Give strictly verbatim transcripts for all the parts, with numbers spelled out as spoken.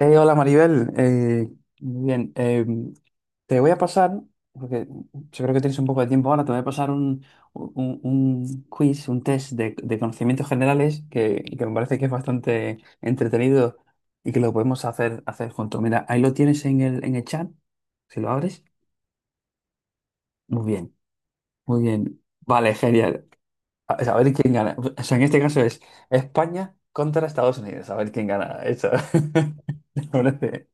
Eh, hola Maribel. Eh, muy bien. Eh, te voy a pasar, porque yo creo que tienes un poco de tiempo ahora, te voy a pasar un, un- un quiz, un test de, de conocimientos generales que, que me parece que es bastante entretenido y que lo podemos hacer, hacer juntos. Mira, ahí lo tienes en el, en el chat, si lo abres. Muy bien, muy bien. Vale, genial. A, a ver quién gana. O sea, en este caso es España contra Estados Unidos. A ver quién gana. Eso. Me parece.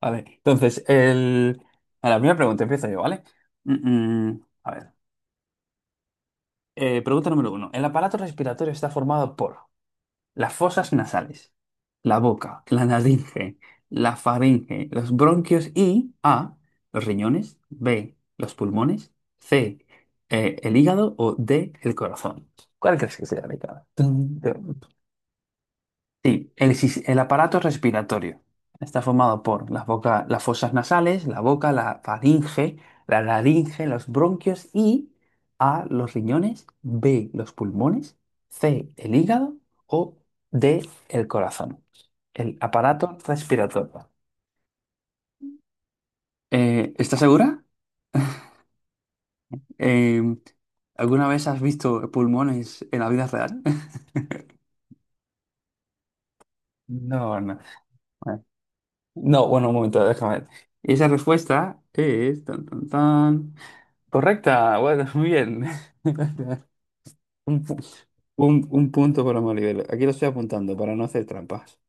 Vale, entonces, el... a la primera pregunta empiezo yo, ¿vale? Mm, mm, a ver. Eh, pregunta número uno. El aparato respiratorio está formado por las fosas nasales, la boca, la laringe, la faringe, los bronquios y A, los riñones; B, los pulmones; C, eh, el hígado; o D, el corazón. ¿Cuál crees que sea la indicada? Sí, el, sis- el aparato respiratorio está formado por las, boca- las fosas nasales, la boca, la faringe, la laringe, los bronquios y A, los riñones; B, los pulmones; C, el hígado o D, el corazón. El aparato respiratorio. Eh, ¿estás segura? Eh, ¿alguna vez has visto pulmones en la vida real? No, no. Bueno, no, bueno, un momento, déjame ver. Esa respuesta es... Tan, tan, tan. Correcta, bueno, muy bien. Un, pu- un- un punto para Maribel. Aquí lo estoy apuntando para no hacer trampas.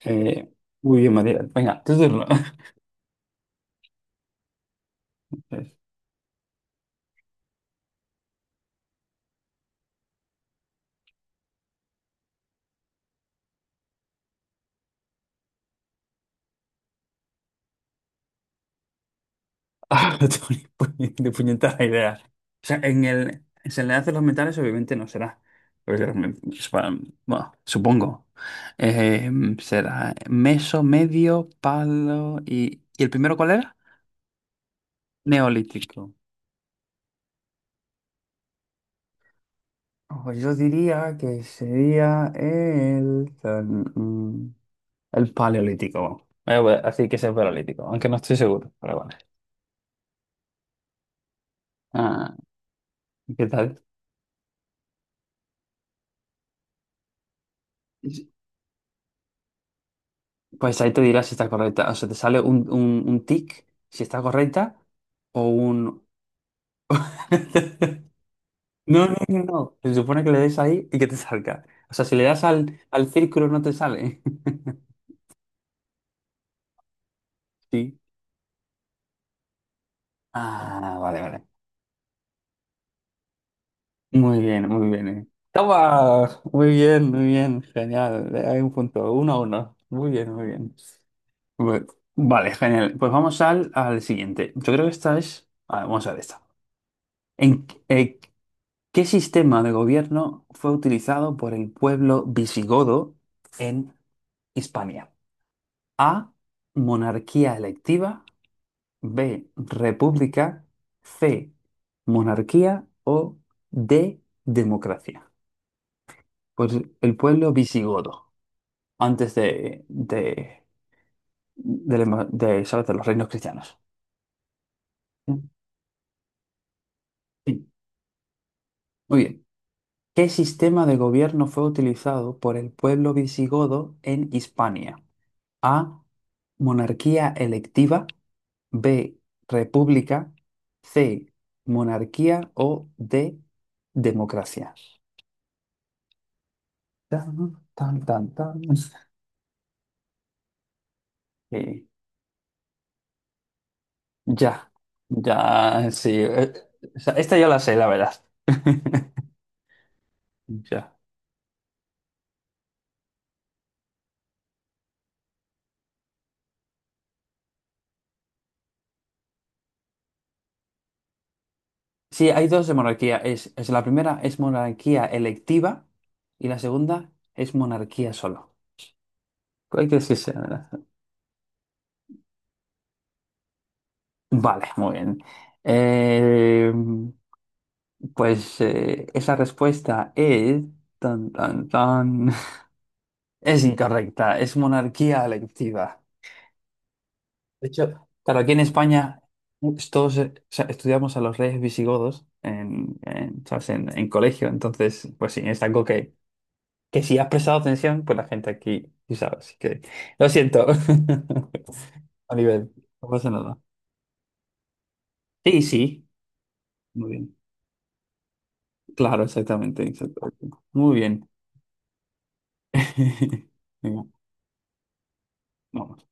Eh, muy bien, Maribel. Venga, tu turno. Ah, tu pu- de puñetada idea. O sea, en el se le hacen los metales, obviamente no será. Porque los me- es para- bueno, supongo. Eh, será meso, medio, palo y... ¿Y el primero cuál era? Neolítico. Ojo, yo diría que sería el, tan- mm, el paleolítico. Eh, bueno, así que es el paleolítico, aunque no estoy seguro, pero bueno. Ah, ¿qué tal? Pues ahí te dirá si está correcta. O sea, te sale un, un, un tic si está correcta o un... No, no, no, no. Se supone que le des ahí y que te salga. O sea, si le das al, al círculo no te sale. Sí. Ah, vale, vale. Muy bien, muy bien. eh. Toma, muy bien, muy bien, genial. Hay un punto, uno a uno. Muy bien, muy bien. Bu- Vale, genial. Pues vamos al, al siguiente. Yo creo que esta es. A ver, vamos a ver esta. ¿En qué eh, ¿qué sistema de gobierno fue utilizado por el pueblo visigodo en Hispania? A. Monarquía electiva. B. República. C. Monarquía. O D. Democracia. Por el pueblo visigodo, antes de, de, del ema- de, ¿sabes? De los reinos cristianos. Sí. Muy bien. ¿Qué sistema de gobierno fue utilizado por el pueblo visigodo en Hispania? A. Monarquía electiva. B. República. C. Monarquía o D. Democracia. Tan, tan, tan, tan. Sí, ya. Ya, sí. eh, o sea, esta yo la sé, la verdad. Ya. Sí, hay dos de monarquía. Es, es la primera es monarquía electiva y la segunda es monarquía solo. ¿Cuál crees que sea? Vale, muy bien. Eh, pues eh, esa respuesta es... Tan, tan, tan. Es incorrecta, es monarquía electiva. De hecho, claro, aquí en España pues, todos eh, o sea, estudiamos a los reyes visigodos en, en, ¿sabes? en- en colegio. Entonces, pues sí, es algo que Que si has prestado atención, pues la gente aquí sí sabe, así que lo siento. A nivel, no pasa nada. Sí, sí, muy bien. Claro, exactamente, exactamente. Muy bien. Venga, vamos.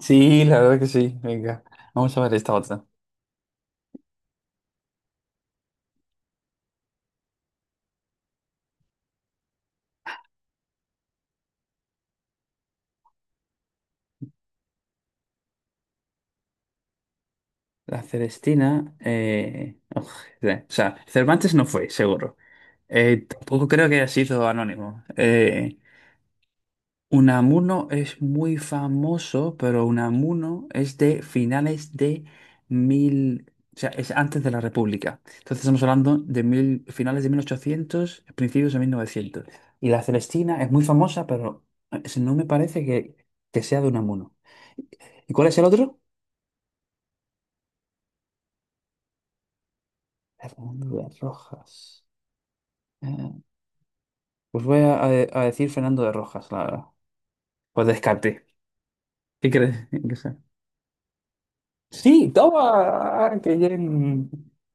Sí, la verdad que sí, venga. Vamos a ver esta otra. La Celestina. Eh, oj, o sea, Cervantes no fue, seguro. Eh, tampoco creo que haya sido anónimo. Eh, Unamuno es muy famoso, pero Unamuno es de finales de mil, o sea, es antes de la República. Entonces estamos hablando de mil, finales de mil ochocientos, principios de mil novecientos. Y la Celestina es muy famosa, pero eh, es- no me parece que, que sea de Unamuno. ¿Y cuál es el otro? Fernando de Rojas. Eh, Pues voy a, a- a decir Fernando de Rojas, la verdad. Pues descarte. ¿Qué crees? Sí, toma, ah, qué bien.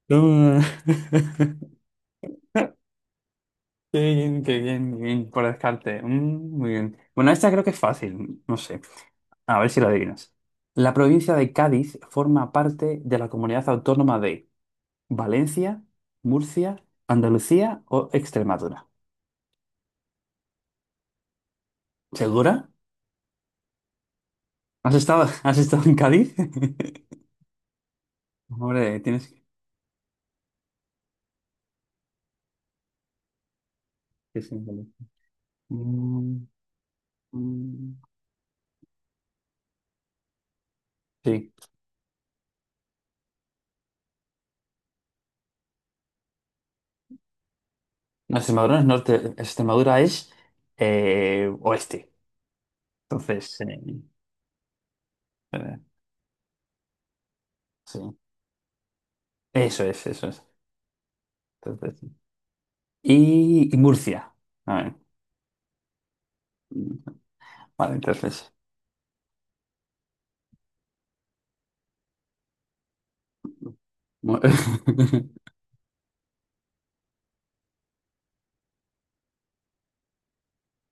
Mm. Qué bien, qué bien, qué bien, por descarte. Mm, muy bien. Bueno, esta creo que es fácil, no sé. A ver si la adivinas. La provincia de Cádiz forma parte de la comunidad autónoma de Valencia, Murcia, Andalucía o Extremadura. ¿Segura? ¿Has estado, has estado en Cádiz? Hombre, tienes que... que ser en Cádiz. Mm, mm, Sí. No, Extremadura no es norte, Extremadura es eh, oeste. Entonces, eh, eh, sí. Eso es, eso es. Entonces, sí. y, y Murcia. A ver. Vale, entonces. mu-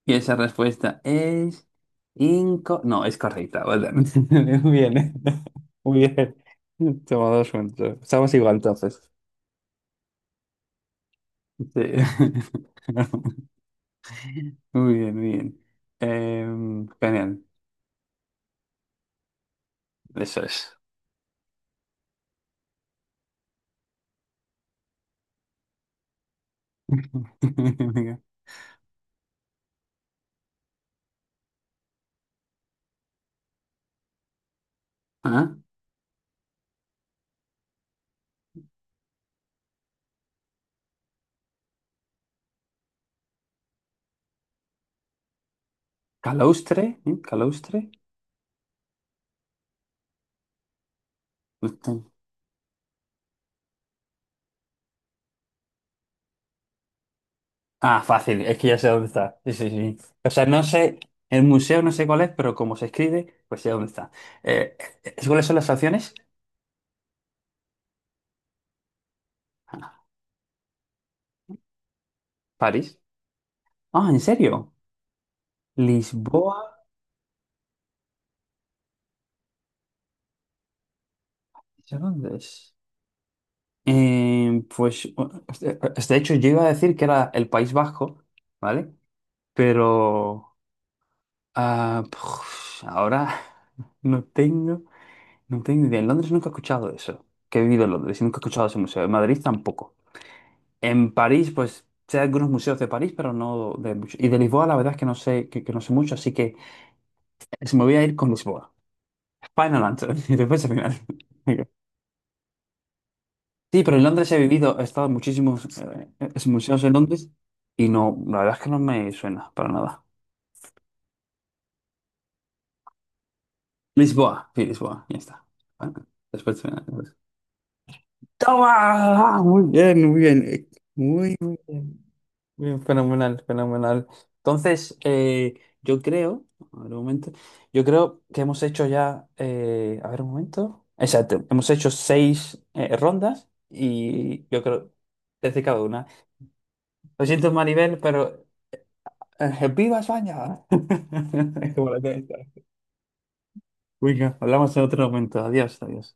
Y esa respuesta es inco... no, es correcta. Vale. Muy bien. ¿Eh? Muy bien. Toma dos puntos. Estamos igual entonces. Sí. Muy bien, muy bien. Em, genial. Eso es. Ah, Calaustre, ¿eh? Calaustre. Este- Ah, fácil, es que ya sé dónde está. Sí, sí, sí. O sea, no sé, el museo no sé cuál es, pero como se escribe, pues sé dónde está. Eh, ¿es- ¿cuáles son las opciones? Ah, París. Ah, ¿en serio? Lisboa. ¿Eso ¿Dónde es? Eh, pues, eh, de hecho, yo iba a decir que era el País Vasco, ¿vale? Pero ah, puf, ahora no tengo. No tengo idea. En Londres nunca he escuchado eso. Que he vivido en Londres y nunca he escuchado ese museo. En Madrid tampoco. En París, pues sé algunos museos de París, pero no de mucho. Y de Lisboa, la verdad es que no sé, que, que no sé mucho, así que se me voy a ir con Lisboa. Final answer. Y después al final. Sí, pero en Londres he vivido, he estado en muchísimos eh, eh, museos en Londres y no, la verdad es que no me suena para nada. Lisboa, sí, Lisboa, ya está. Bueno, después, eh, pues. ¡Toma! Ah, muy bien, muy bien. eh, Muy, muy bien. Bien, fenomenal, fenomenal. Entonces, eh, yo creo, a ver un momento, yo creo que hemos hecho ya, eh, a ver un momento, exacto, hemos hecho seis eh, rondas y yo creo, desde cada una. Lo siento, Maribel, pero eh, ¡viva España! Es como la que está. Venga, hablamos en otro momento. Adiós, adiós.